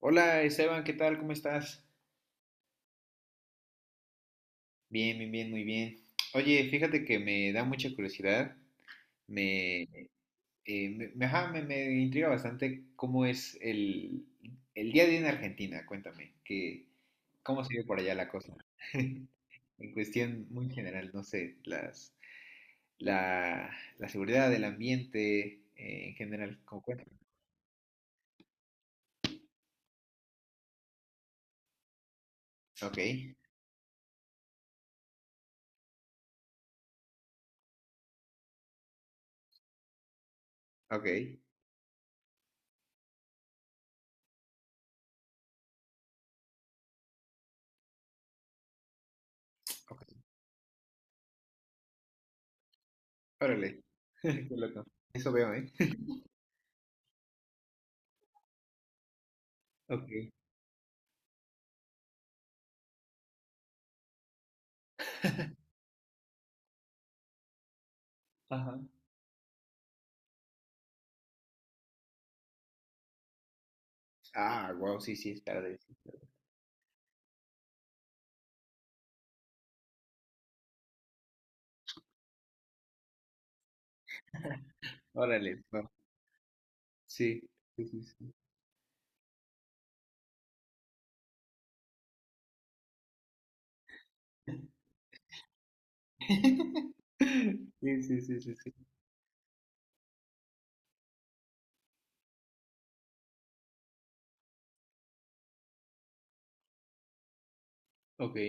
Hola Esteban, ¿qué tal? ¿Cómo estás? Bien, bien, bien, muy bien. Oye, fíjate que me da mucha curiosidad, me, me intriga bastante cómo es el día a día en Argentina, cuéntame, ¿cómo se ve por allá la cosa? En cuestión muy general, no sé, la, la seguridad del ambiente en general, ¿cómo cuéntame? Ok, ok, ok, órale, qué loco, eso veo, ¿eh? Ok, ajá. Ah, wow, sí, sí, es tarde. Órale, no. Sí, sí, sí, sí. Sí, sí, sí, sí, sí. Ok,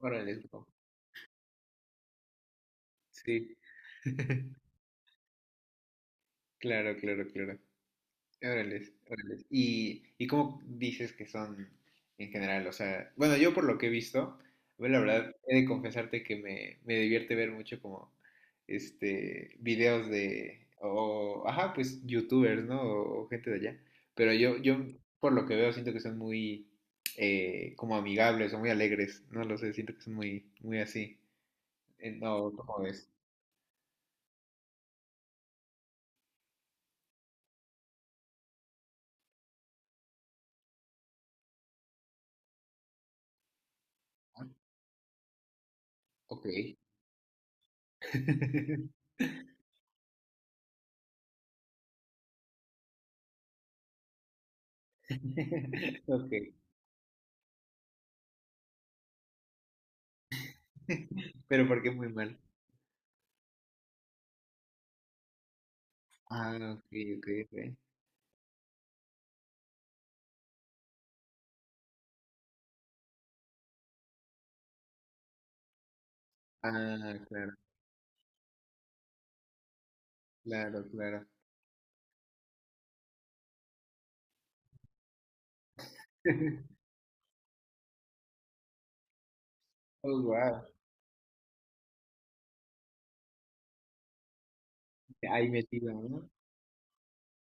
órale, wow. Sí. Claro, claro, claro. Órales, órales. Y cómo dices que son en general? O sea, bueno, yo por lo que he visto, bueno, la verdad, he de confesarte que me divierte ver mucho como, este, videos ajá, pues, youtubers, ¿no? O gente de allá. Pero yo, por lo que veo, siento que son muy, como amigables o muy alegres. No lo sé, siento que son muy así. No, ¿cómo ves? Ah, ok. Ok. Pero porque es muy mal. Ah, ok, ok, ok. Ah, claro, claro, claro. Oh, wow. Ahí metido, ¿no?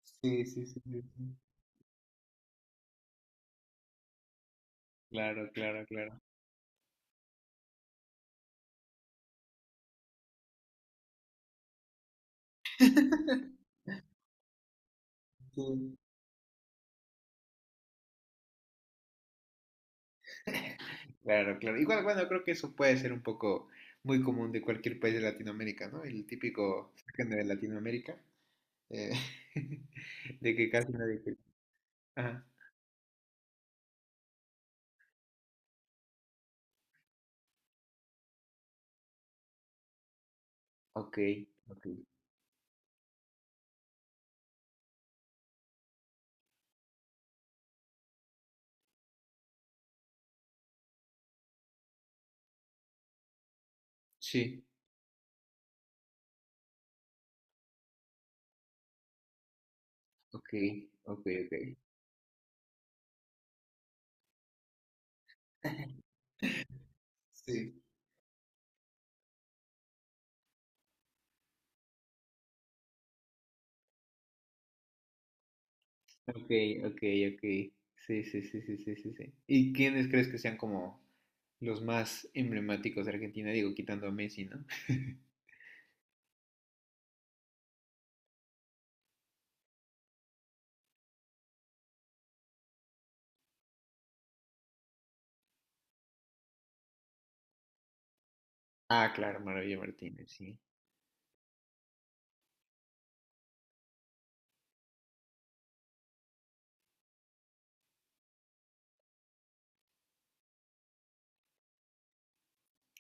Sí, sí, sí, sí, sí. Claro, claro, claro. Sí. Claro, claro. Igual, bueno, creo que eso puede ser un poco muy común de cualquier país de Latinoamérica, ¿no? El típico sacan de Latinoamérica, eh, de que casi nadie cree. Ajá. Ok, ok. Sí, ok, ok, ok. Sí, ok, ok, ok. Sí, sí, sí, sí, sí, sí, sí. ¿Y quiénes crees que sean como los más emblemáticos de Argentina? Digo, quitando a Messi, ¿no? Ah, claro, Maravilla Martínez, sí.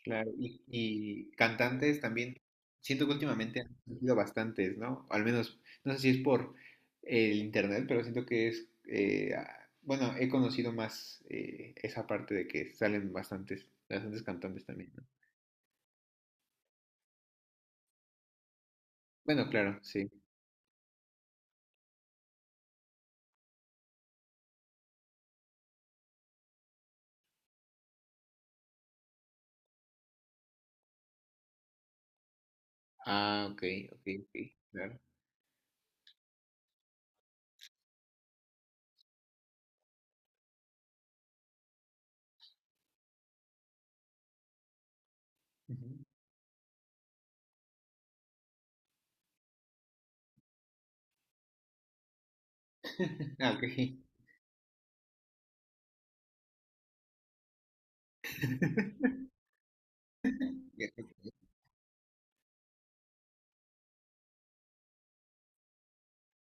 Claro. Y cantantes también. Siento que últimamente han surgido bastantes, ¿no? Al menos, no sé si es por el internet, pero siento que es, bueno, he conocido más esa parte de que salen bastantes, bastantes cantantes también, ¿no? Bueno, claro, sí. Ah, ok, ok, ok, claro. Ujú. Ah, ok. Ya, ok,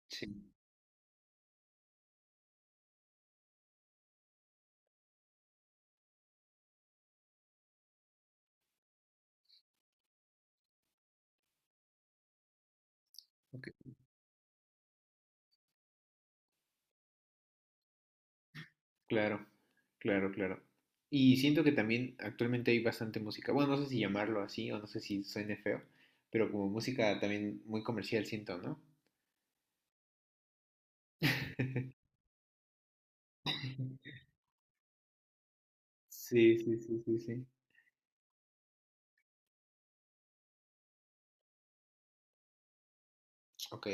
sí, ok, claro, claro, claro. Y siento que también actualmente hay bastante música, bueno, no sé si llamarlo así o no sé si suene feo, pero como música también muy comercial siento, ¿no? Sí, sí, sí, sí, sí. Ok,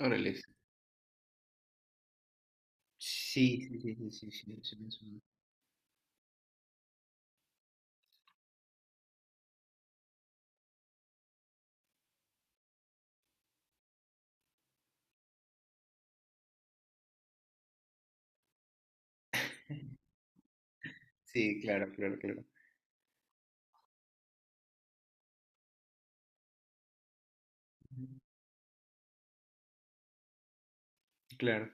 órale. Sí, sí, sí, sí, sí, sí, sí, me suena. Sí, claro, claro, claro. Ujú. Claro,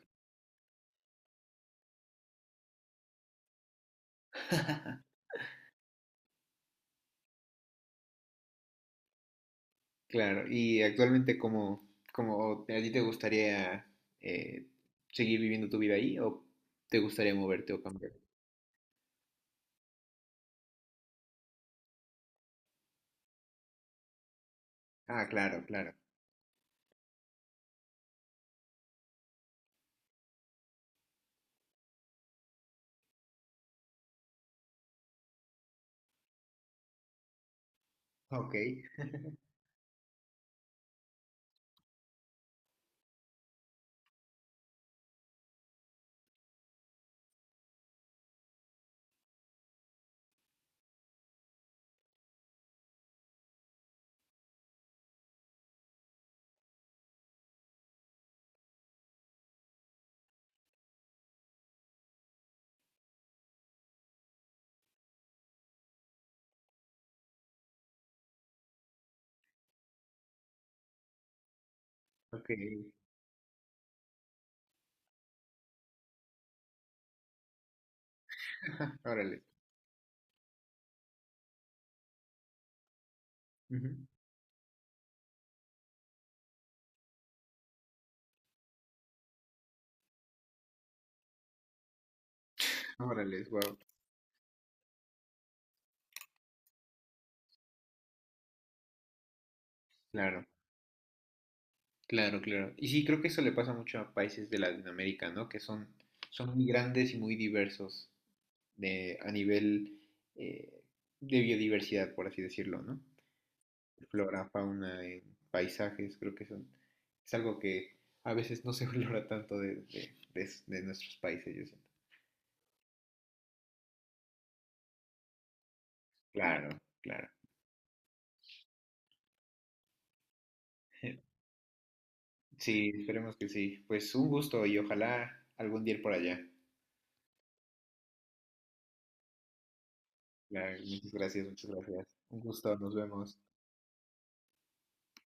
claro. Y actualmente, ¿cómo, cómo a ti te gustaría eh, seguir viviendo tu vida ahí o te gustaría moverte o cambiar? Ah, claro, claro. Ok, ok. Órale. Ujú. Órale, wow. Claro, claro, claro. Y sí, creo que eso le pasa mucho a países de Latinoamérica, ¿no? Son muy grandes y muy diversos a nivel eh, de biodiversidad, por así decirlo, ¿no? Flora, fauna, paisajes, creo que son, es algo que a veces no se valora tanto de nuestros países, yo siento. Claro, claro. Sí, esperemos que sí. Pues un gusto y ojalá algún día ir por allá. Claro, muchas gracias, muchas gracias. Un gusto, nos vemos.